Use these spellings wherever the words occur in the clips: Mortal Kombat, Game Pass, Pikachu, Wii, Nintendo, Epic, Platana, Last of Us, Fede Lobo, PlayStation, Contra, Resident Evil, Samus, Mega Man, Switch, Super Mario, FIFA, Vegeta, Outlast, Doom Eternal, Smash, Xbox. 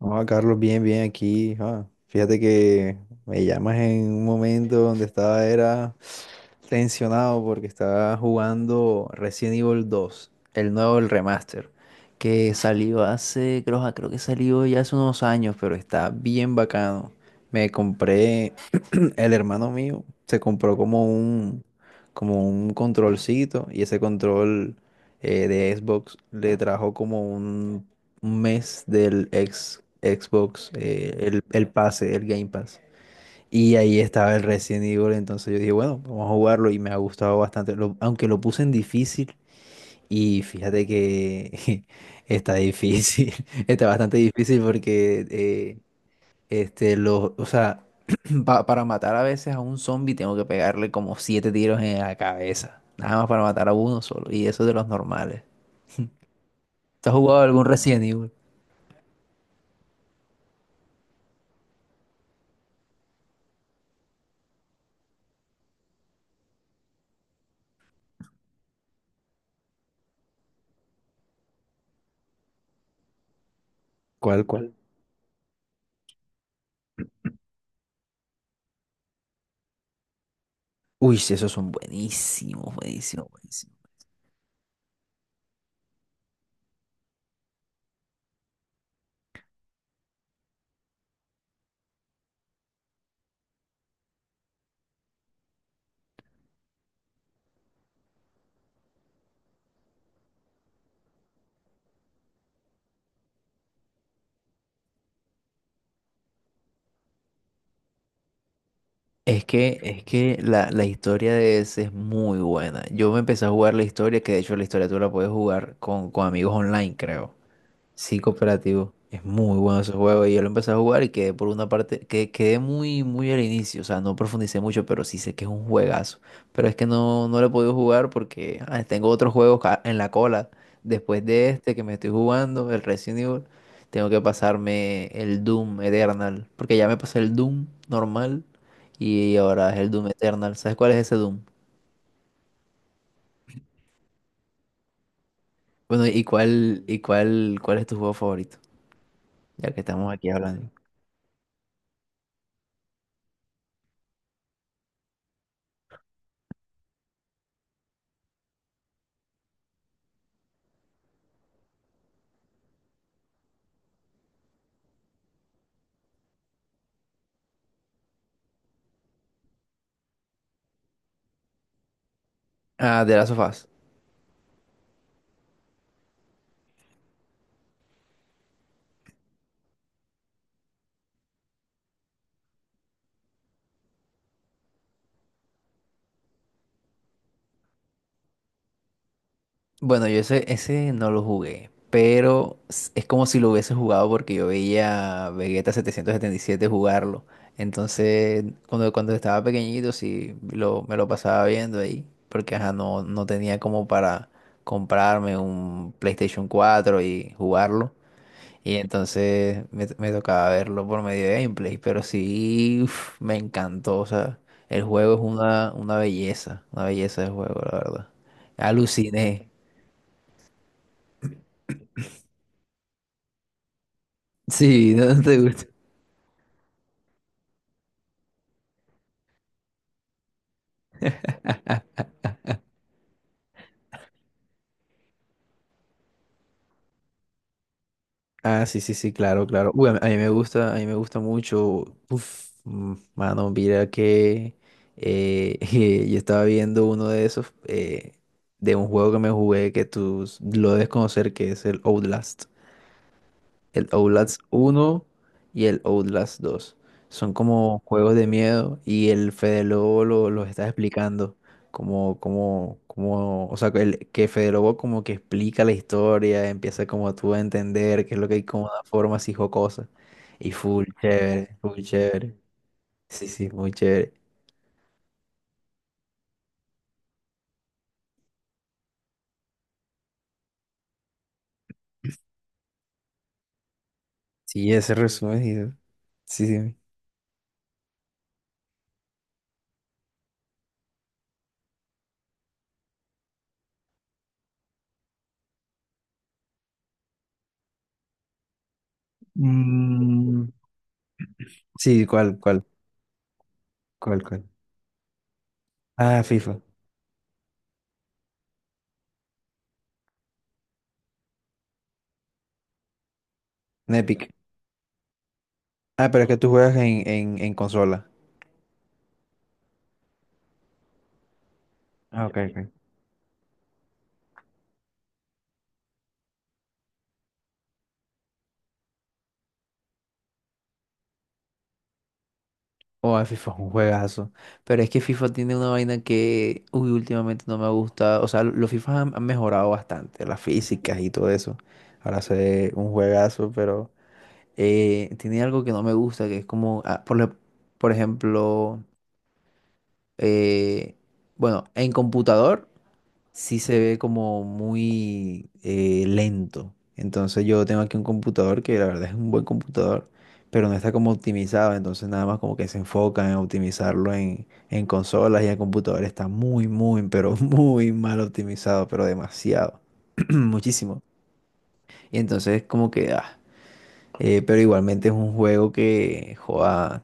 No, Carlos, bien, bien aquí. Ah, fíjate que me llamas en un momento donde estaba era tensionado porque estaba jugando Resident Evil 2, el nuevo, el remaster, que salió hace, creo que salió ya hace unos años, pero está bien bacano. Me compré el hermano mío se compró como un controlcito y ese control de Xbox le trajo como un mes del Xbox, el pase, el Game Pass. Y ahí estaba el Resident Evil, entonces yo dije, bueno, vamos a jugarlo y me ha gustado bastante, aunque lo puse en difícil y fíjate que está difícil, está bastante difícil porque este, o sea, para matar a veces a un zombie tengo que pegarle como siete tiros en la cabeza. Nada más para matar a uno solo. Y eso de los normales. ¿Te has jugado algún Resident Evil? ¿Cuál, cuál? Uy, sí, esos son buenísimos, buenísimos, buenísimos. Es que la historia de ese es muy buena. Yo me empecé a jugar la historia, que de hecho la historia tú la puedes jugar con amigos online, creo. Sí, cooperativo. Es muy bueno ese juego. Y yo lo empecé a jugar y quedé por una parte, que quedé muy, muy al inicio. O sea, no profundicé mucho, pero sí sé que es un juegazo. Pero es que no, no lo he podido jugar porque tengo otros juegos en la cola. Después de este que me estoy jugando, el Resident Evil, tengo que pasarme el Doom Eternal. Porque ya me pasé el Doom normal y ahora es el Doom Eternal. ¿Sabes cuál es ese Doom? Bueno, ¿y cuál, cuál es tu juego favorito? Ya que estamos aquí hablando. Ah, de Last of Us. Bueno, yo ese no lo jugué, pero es como si lo hubiese jugado porque yo veía a Vegeta 777 jugarlo. Entonces, cuando estaba pequeñito, sí, me lo pasaba viendo ahí, porque ajá, no, no tenía como para comprarme un PlayStation 4 y jugarlo. Y entonces me tocaba verlo por medio de gameplay, pero sí, uf, me encantó. O sea, el juego es una belleza, una belleza de juego, la verdad. Aluciné. Sí, no te gusta. Ah, sí, sí, sí, claro, claro. Uy, a mí me gusta, a mí me gusta mucho. Uf, mano, mira que eh, yo estaba viendo uno de esos, de un juego que me jugué que tú lo debes conocer, que es el Outlast, el Outlast 1 y el Outlast 2. Son como juegos de miedo y el Fede Lobo los está explicando. Como, o sea, que Fede Lobo como que explica la historia, empieza como tú a entender qué es lo que hay como una forma así jocosa. Y full chévere, full chévere. Sí, sí, muy chévere. Sí, ese resumen. Sí, sí. Mm, sí, ¿cuál, cuál, cuál, cuál? Ah, FIFA, en Epic. Ah, pero es que tú juegas en consola. Ah, ok, ok. O a FIFA es un juegazo. Pero es que FIFA tiene una vaina que, uy, últimamente no me ha gustado. O sea, los FIFA han mejorado bastante, las físicas y todo eso. Ahora se ve un juegazo, pero tiene algo que no me gusta, que es como, por ejemplo, eh, bueno, en computador. Sí se ve como muy lento. Entonces yo tengo aquí un computador que la verdad es un buen computador, pero no está como optimizado. Entonces nada más como que se enfocan en optimizarlo en consolas y el computador está muy, muy, pero muy mal optimizado, pero demasiado. Muchísimo. Y entonces como que, pero igualmente es un juego que, joda,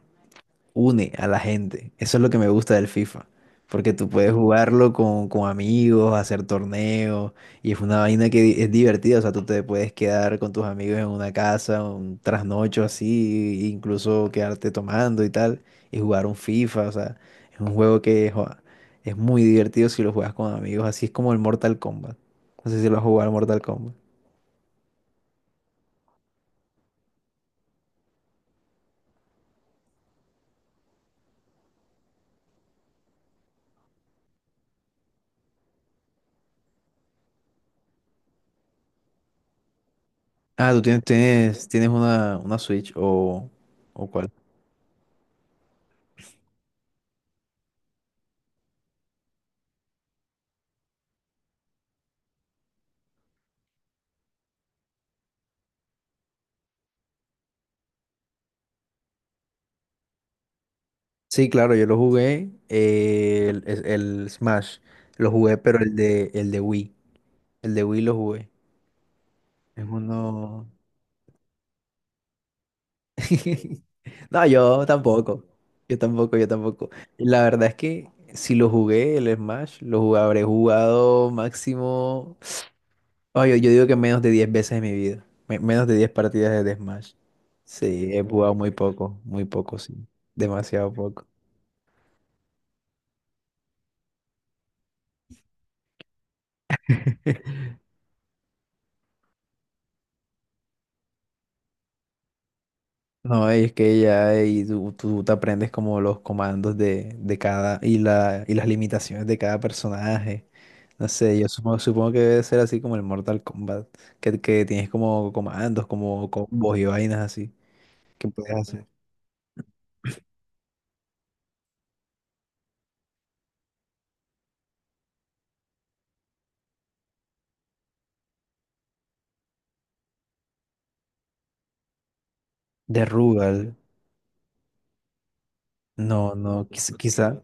une a la gente. Eso es lo que me gusta del FIFA, porque tú puedes jugarlo con amigos, hacer torneos, y es una vaina que es divertida, o sea, tú te puedes quedar con tus amigos en una casa, un trasnocho así, e incluso quedarte tomando y tal, y jugar un FIFA, o sea, es un juego que joa, es muy divertido si lo juegas con amigos, así es como el Mortal Kombat. No sé si lo has jugado al Mortal Kombat. Ah, tú tienes una Switch o cuál. Sí, claro, yo lo jugué, el Smash, lo jugué, pero el de Wii, el de Wii lo jugué. Es uno. No, yo tampoco, yo tampoco, yo tampoco. Y la verdad es que si lo jugué, el Smash, habré jugado máximo. Oye, yo digo que menos de 10 veces en mi vida, menos de 10 partidas de Smash. Sí, he jugado muy poco, sí, demasiado poco. No, es que ya ahí tú te aprendes como los comandos de cada y las limitaciones de cada personaje. No sé, yo supongo que debe ser así como el Mortal Kombat, que tienes como comandos, como combos y vainas así que puedes hacer. De Rugal, no, no, quizá.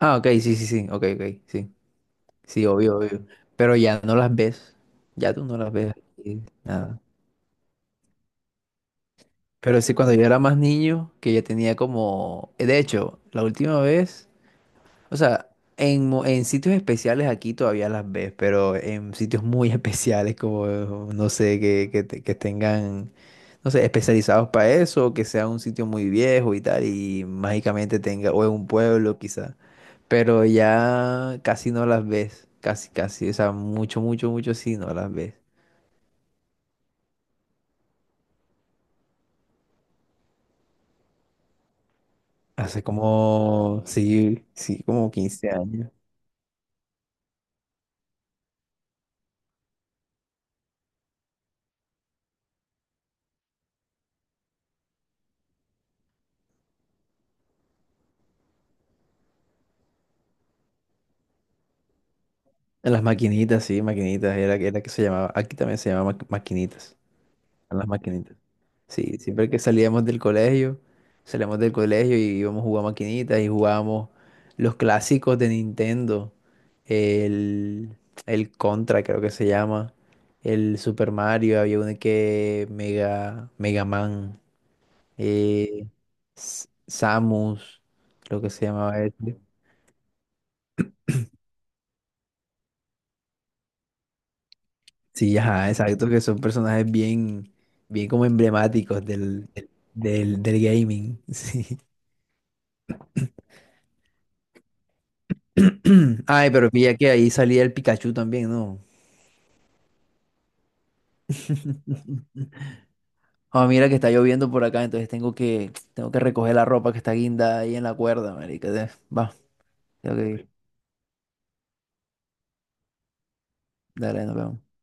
Ah, ok, sí, sí, sí, ok, ok, sí, sí, obvio, obvio. Pero ya no las ves, ya tú no las ves aquí, nada. Pero sí, cuando yo era más niño, que ya tenía como, de hecho, la última vez. O sea, en sitios especiales aquí todavía las ves, pero en sitios muy especiales como, no sé, que tengan, no sé, especializados para eso, o que sea un sitio muy viejo y tal, y mágicamente tenga, o en un pueblo quizá, pero ya casi no las ves, casi, casi, o sea, mucho, mucho, mucho sí no las ves. Hace como, sí, sí, como 15 años. En las maquinitas, sí, maquinitas, era que se llamaba, aquí también se llamaba maquinitas. Eran las maquinitas. Sí, siempre que salíamos del colegio y íbamos a jugar maquinitas y jugábamos los clásicos de Nintendo, el, el Contra creo que se llama, el Super Mario, había uno que Mega Man, eh, Samus, creo que se llamaba este. Sí, ajá, exacto, que son personajes bien, bien como emblemáticos del gaming. Sí. Ay, pero pilla que ahí salía el Pikachu también, ¿no? Ah, mira que está lloviendo por acá, entonces tengo que recoger la ropa que está guinda ahí en la cuerda, marica. Va, tengo que ir. Dale, nos vemos.